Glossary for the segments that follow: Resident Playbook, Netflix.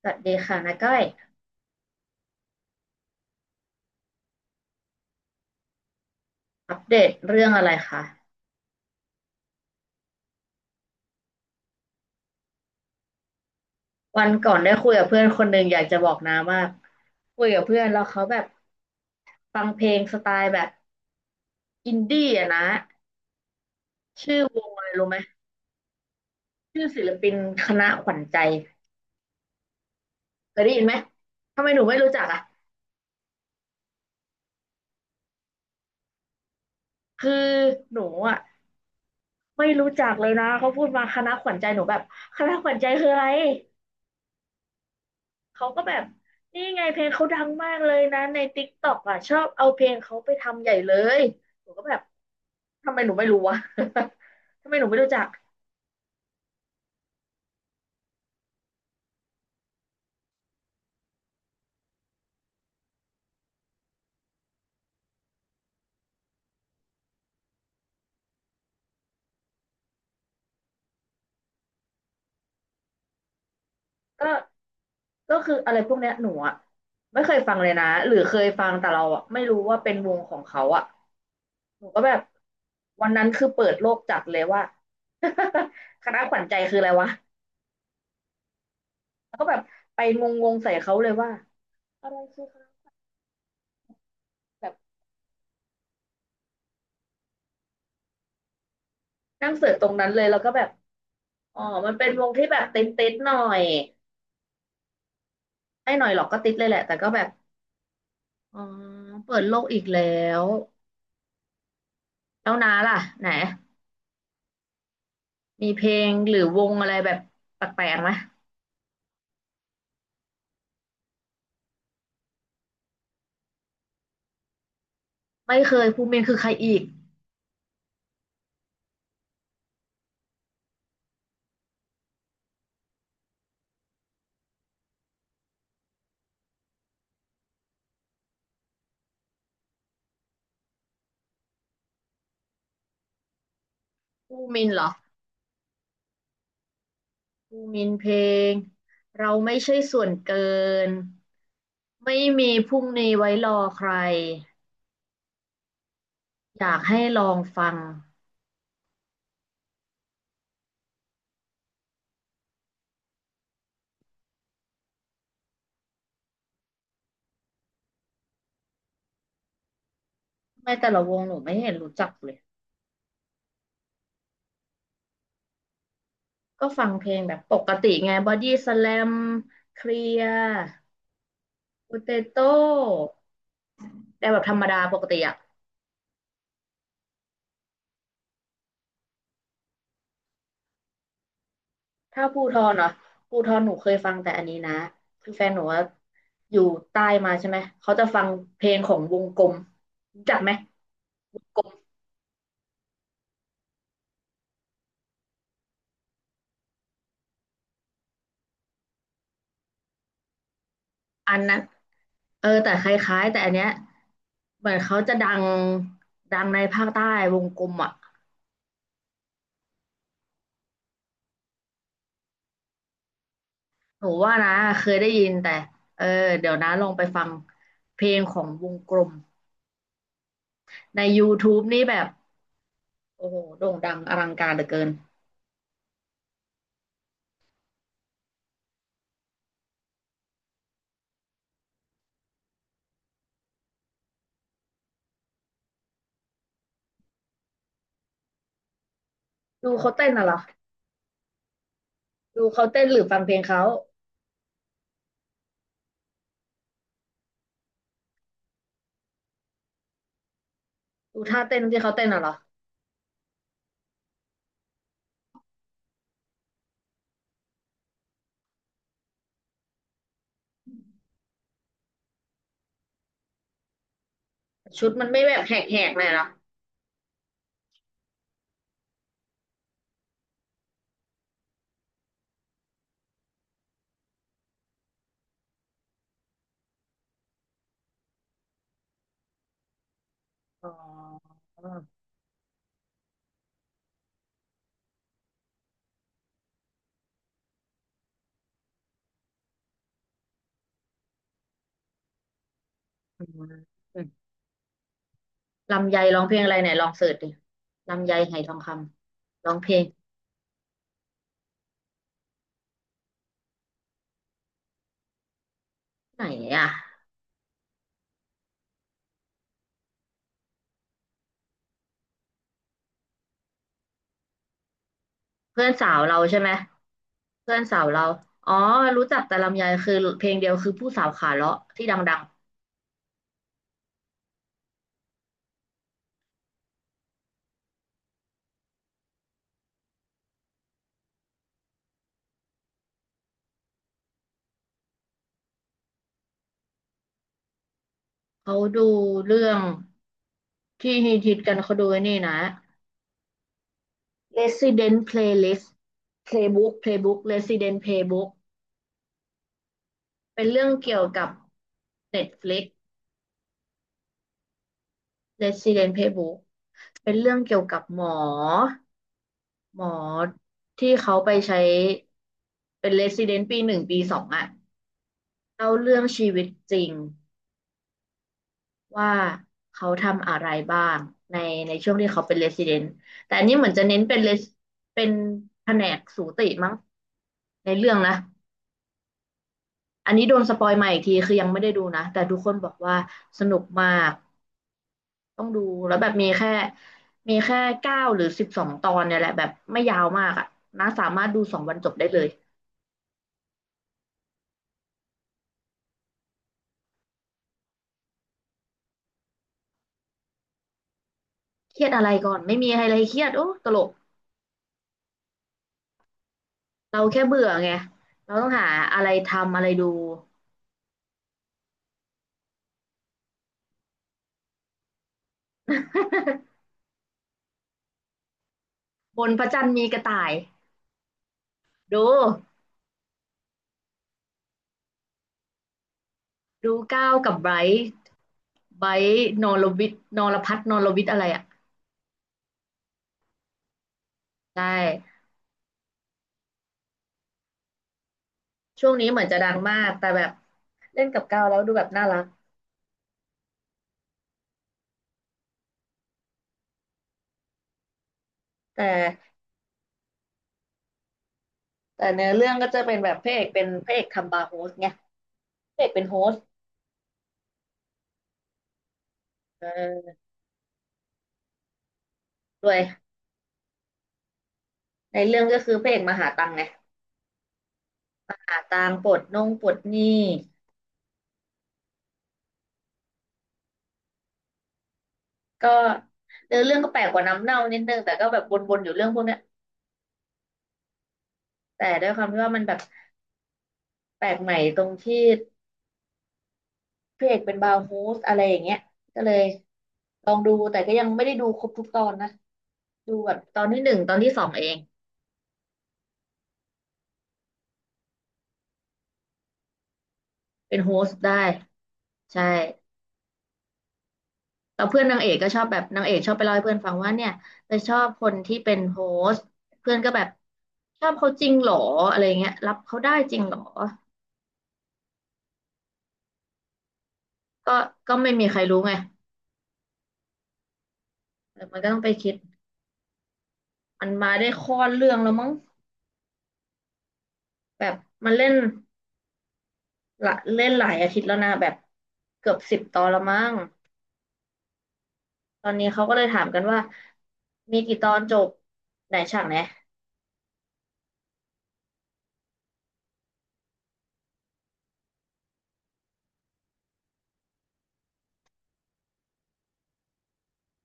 สวัสดีค่ะนาก้อยอัปเดตเรื่องอะไรคะวันก่อนได้คุยกับเพื่อนคนหนึ่งอยากจะบอกนามากคุยกับเพื่อนแล้วเขาแบบฟังเพลงสไตล์แบบอินดี้อะนะชื่อวงอะไรรู้ไหมชื่อศิลปินคณะขวัญใจเคยได้ยินไหมทำไมหนูไม่รู้จักอ่ะคือหนูอ่ะไม่รู้จักเลยนะเขาพูดมาคณะขวัญใจหนูแบบคณะขวัญใจคืออะไร เขาก็แบบนี่ไงเพลงเขาดังมากเลยนะในติ๊กต็อกอ่ะชอบเอาเพลงเขาไปทำใหญ่เลยหนูก็แบบทำไมหนูไม่รู้วะ ทำไมหนูไม่รู้จักก็ก็คืออะไรพวกเนี้ยหนูอ่ะไม่เคยฟังเลยนะหรือเคยฟังแต่เราอ่ะไม่รู้ว่าเป็นวงของเขาอ่ะหนูก็แบบวันนั้นคือเปิดโลกจัดเลยว่า คณะขวัญใจคืออะไรวะแล้วก็แบบไปงงๆใส่เขาเลยว่าอะไรคือคณะแบบนั่งเสิร์ชตรงนั้นเลยแล้วก็แบบ อ๋อมันเป็นวงที่แบบติดหน่อย ไม่หน่อยหรอกก็ติดเลยแหละแต่ก็แบบอ๋อเปิดโลกอีกแล้วแล้วน้าล่ะไหนมีเพลงหรือวงอะไรแบบแปลกๆไหมไม่เคยภูมินคือใครอีกภูมินเหรอภูมินเพลงเราไม่ใช่ส่วนเกินไม่มีพรุ่งนี้ไว้รอใครอยากให้ลองฟังไม่แต่ละวงหนูไม่เห็นรู้จักเลยก็ฟังเพลงแบบปกติไงบอดี้สแลมเคลียร์ โปเตโต้แต่แบบธรรมดาปกติอะถ้าภูทรเนาะภูทรหนูเคยฟังแต่อันนี้นะคือแฟนหนูว่าอยู่ใต้มาใช่ไหม เขาจะฟังเพลงของวงกลมรู้จักไหมกลมอันนั้นเออแต่คล้ายๆแต่อันเนี้ยเหมือนเขาจะดังดังในภาคใต้วงกลมอะหนูว่านะเคยได้ยินแต่เออเดี๋ยวนะลองไปฟังเพลงของวงกลมใน YouTube นี่แบบโอ้โหโด่งดังอลังการเหลือเกินดูเขาเต้นน่ะเหรอ ดูเขาเต้นหรือฟังเพลงเขาดูท่าเต้นที่เขาเต้นน่ะเหรอชุดมันไม่แบบแหกๆหน่อยเหรออ๋ออืมอืมลำไยร้องเพลงอะไรไหนลองเสิร์ชดิลำไยไหทองคำร้องเพลงไหนอ่ะเพื่อนสาวเราใช่ไหมเพื่อนสาวเราอ๋อรู้จักแต่ลำไยคือเพลงเดียวคือผู้สาวขาเลาะที่ดังๆเขาดูเรื่องที่ฮิตๆกันเขาดูไอ้นี่นะ Resident Playlist Playbook Playbook Resident Playbook เป็นเรื่องเกี่ยวกับ Netflix Resident Playbook เป็นเรื่องเกี่ยวกับหมอหมอที่เขาไปใช้เป็น Resident ปีหนึ่งปีสองอะเล่าเรื่องชีวิตจริงว่าเขาทำอะไรบ้างในในช่วงที่เขาเป็น Resident แต่อันนี้เหมือนจะเน้นเป็น เป็นแผนกสูติมั้งในเรื่องนะอันนี้โดนสปอยมาอีกทีคือยังไม่ได้ดูนะแต่ทุกคนบอกว่าสนุกมาก ต้องดูแล้วแบบมีแค่เก้าหรือสิบสองตอนเนี่ยแหละแบบไม่ยาวมากอ่ะนะสามารถดูสองวันจบได้เลยเครียดอะไรก่อนไม่มีอะไรเครียดโอ้ตลกเราแค่เบื่อไงเราต้องหาอะไรทำอะไรดูบนพระจันทร์มีกระต่ายดูดูก้าวกับไบรท์ไบรท์นอรวิทย์นอรพัฒน์นอรวิทย์อะไรอ่ะใช่ช่วงนี้เหมือนจะดังมากแต่แบบเล่นกับก้าวแล้วดูแบบน่ารักแต่แต่เนื้อเรื่องก็จะเป็นแบบพระเอกเป็นพระเอกทำบาร์โฮสไง พระเอกเป็นโฮสต์เออด้วยในเรื่องก็คือพระเอกมาหาตังค์ไงหาตังค์ปลดนงปลดหนี้ก็เนื้อเรื่องก็แปลกกว่าน้ำเน่านิดนึงแต่ก็แบบวนๆอยู่เรื่องพวกเนี้ยแต่ด้วยความที่ว่ามันแบบแปลกใหม่ตรงที่พระเอกเป็นบาร์โฮสอะไรอย่างเงี้ยก็เลยลองดูแต่ก็ยังไม่ได้ดูครบทุกตอนนะดูแบบตอนที่หนึ่งตอนที่สองเองเป็นโฮสต์ได้ใช่ แต่เพื่อนนางเอกก็ชอบแบบนางเอกชอบไปเล่าให้เพื่อนฟังว่าเนี่ยไปชอบคนที่เป็นโฮสต์เพื่อนก็แบบชอบเขาจริงเหรออะไรเงี้ยรับเขาได้จริงเหรอก็ก็ไม่มีใครรู้ไงเออมันก็ต้องไปคิดมันมาได้ข้อเรื่องแล้วมั้งแบบมันเล่นละเล่นหลายอาทิตย์แล้วนะแบบเกือบสิบตอนแล้วมั้งตอนนี้เขาก็เลยถามกันว่ามีกี่ตอนจบไหนฉากไหน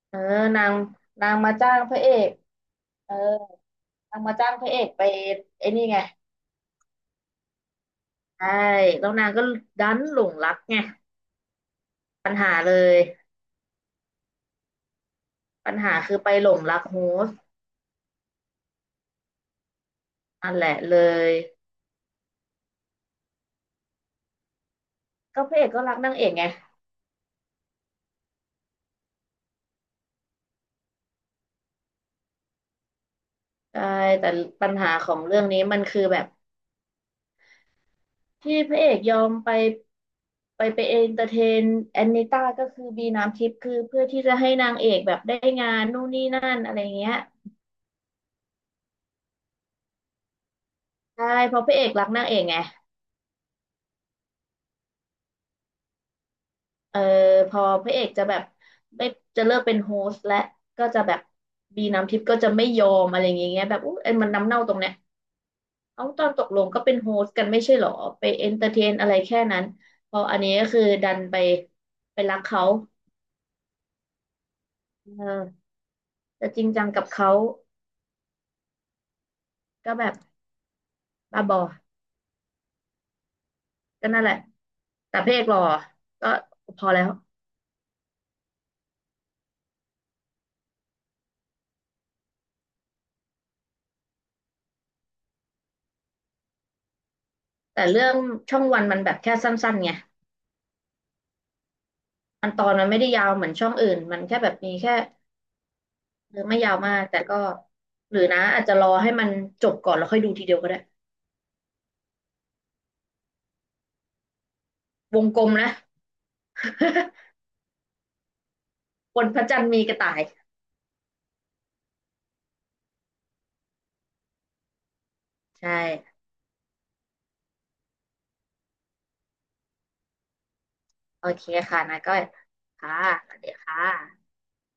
เออนางนางมาจ้างพระเอกเออนางมาจ้างพระเอกไปไอ้นี่ไง ใช่แล้วนางก็ดันหลงรักไงปัญหาเลยปัญหาคือไปหลงรักโฮสต์นั่นแหละเลยก็พระเอกก็รักนางเอกไงใช่แต่ปัญหาของเรื่องนี้มันคือแบบที่พระเอกยอมไปไปเอนเตอร์เทนแอนนิต้าก็คือบีน้ำทิพย์คือเพื่อที่จะให้นางเอกแบบได้งานนู่นนี่นั่นอะไรเงี้ยใช่เพราะพระเอกรักนางเอกไง เออพอพระเอกจะแบบไม่จะเลิกเป็นโฮสต์และก็จะแบบบีน้ำทิพย์ก็จะไม่ยอมอะไรอย่างเงี้ยแบบอุ๊ยเอ็นมันน้ำเน่าตรงเนี้ยเอาตอนตกลงก็เป็นโฮสต์กันไม่ใช่หรอไปเอนเตอร์เทนอะไรแค่นั้นพออันนี้ก็คือดันไปไปรักเขาเออจะจริงจังกับเขาก็แบบบ้าบอก็นั่นแหละแต่พระเอกหล่อก็พอแล้วแต่เรื่องช่องวันมันแบบแค่สั้นๆไงมันตอนมันไม่ได้ยาวเหมือนช่องอื่นมันแค่แบบมีแค่ หรือไม่ยาวมากแต่ก็หรือนะอาจจะรอให้มันจบก่อนแล้วค่อยดูทีเดียวก็ได้วงกลมนะ บนพระจันทร์มีกระต่ายใช่โอเคค่ะนะก็ค่ะสวัสดีค่ะ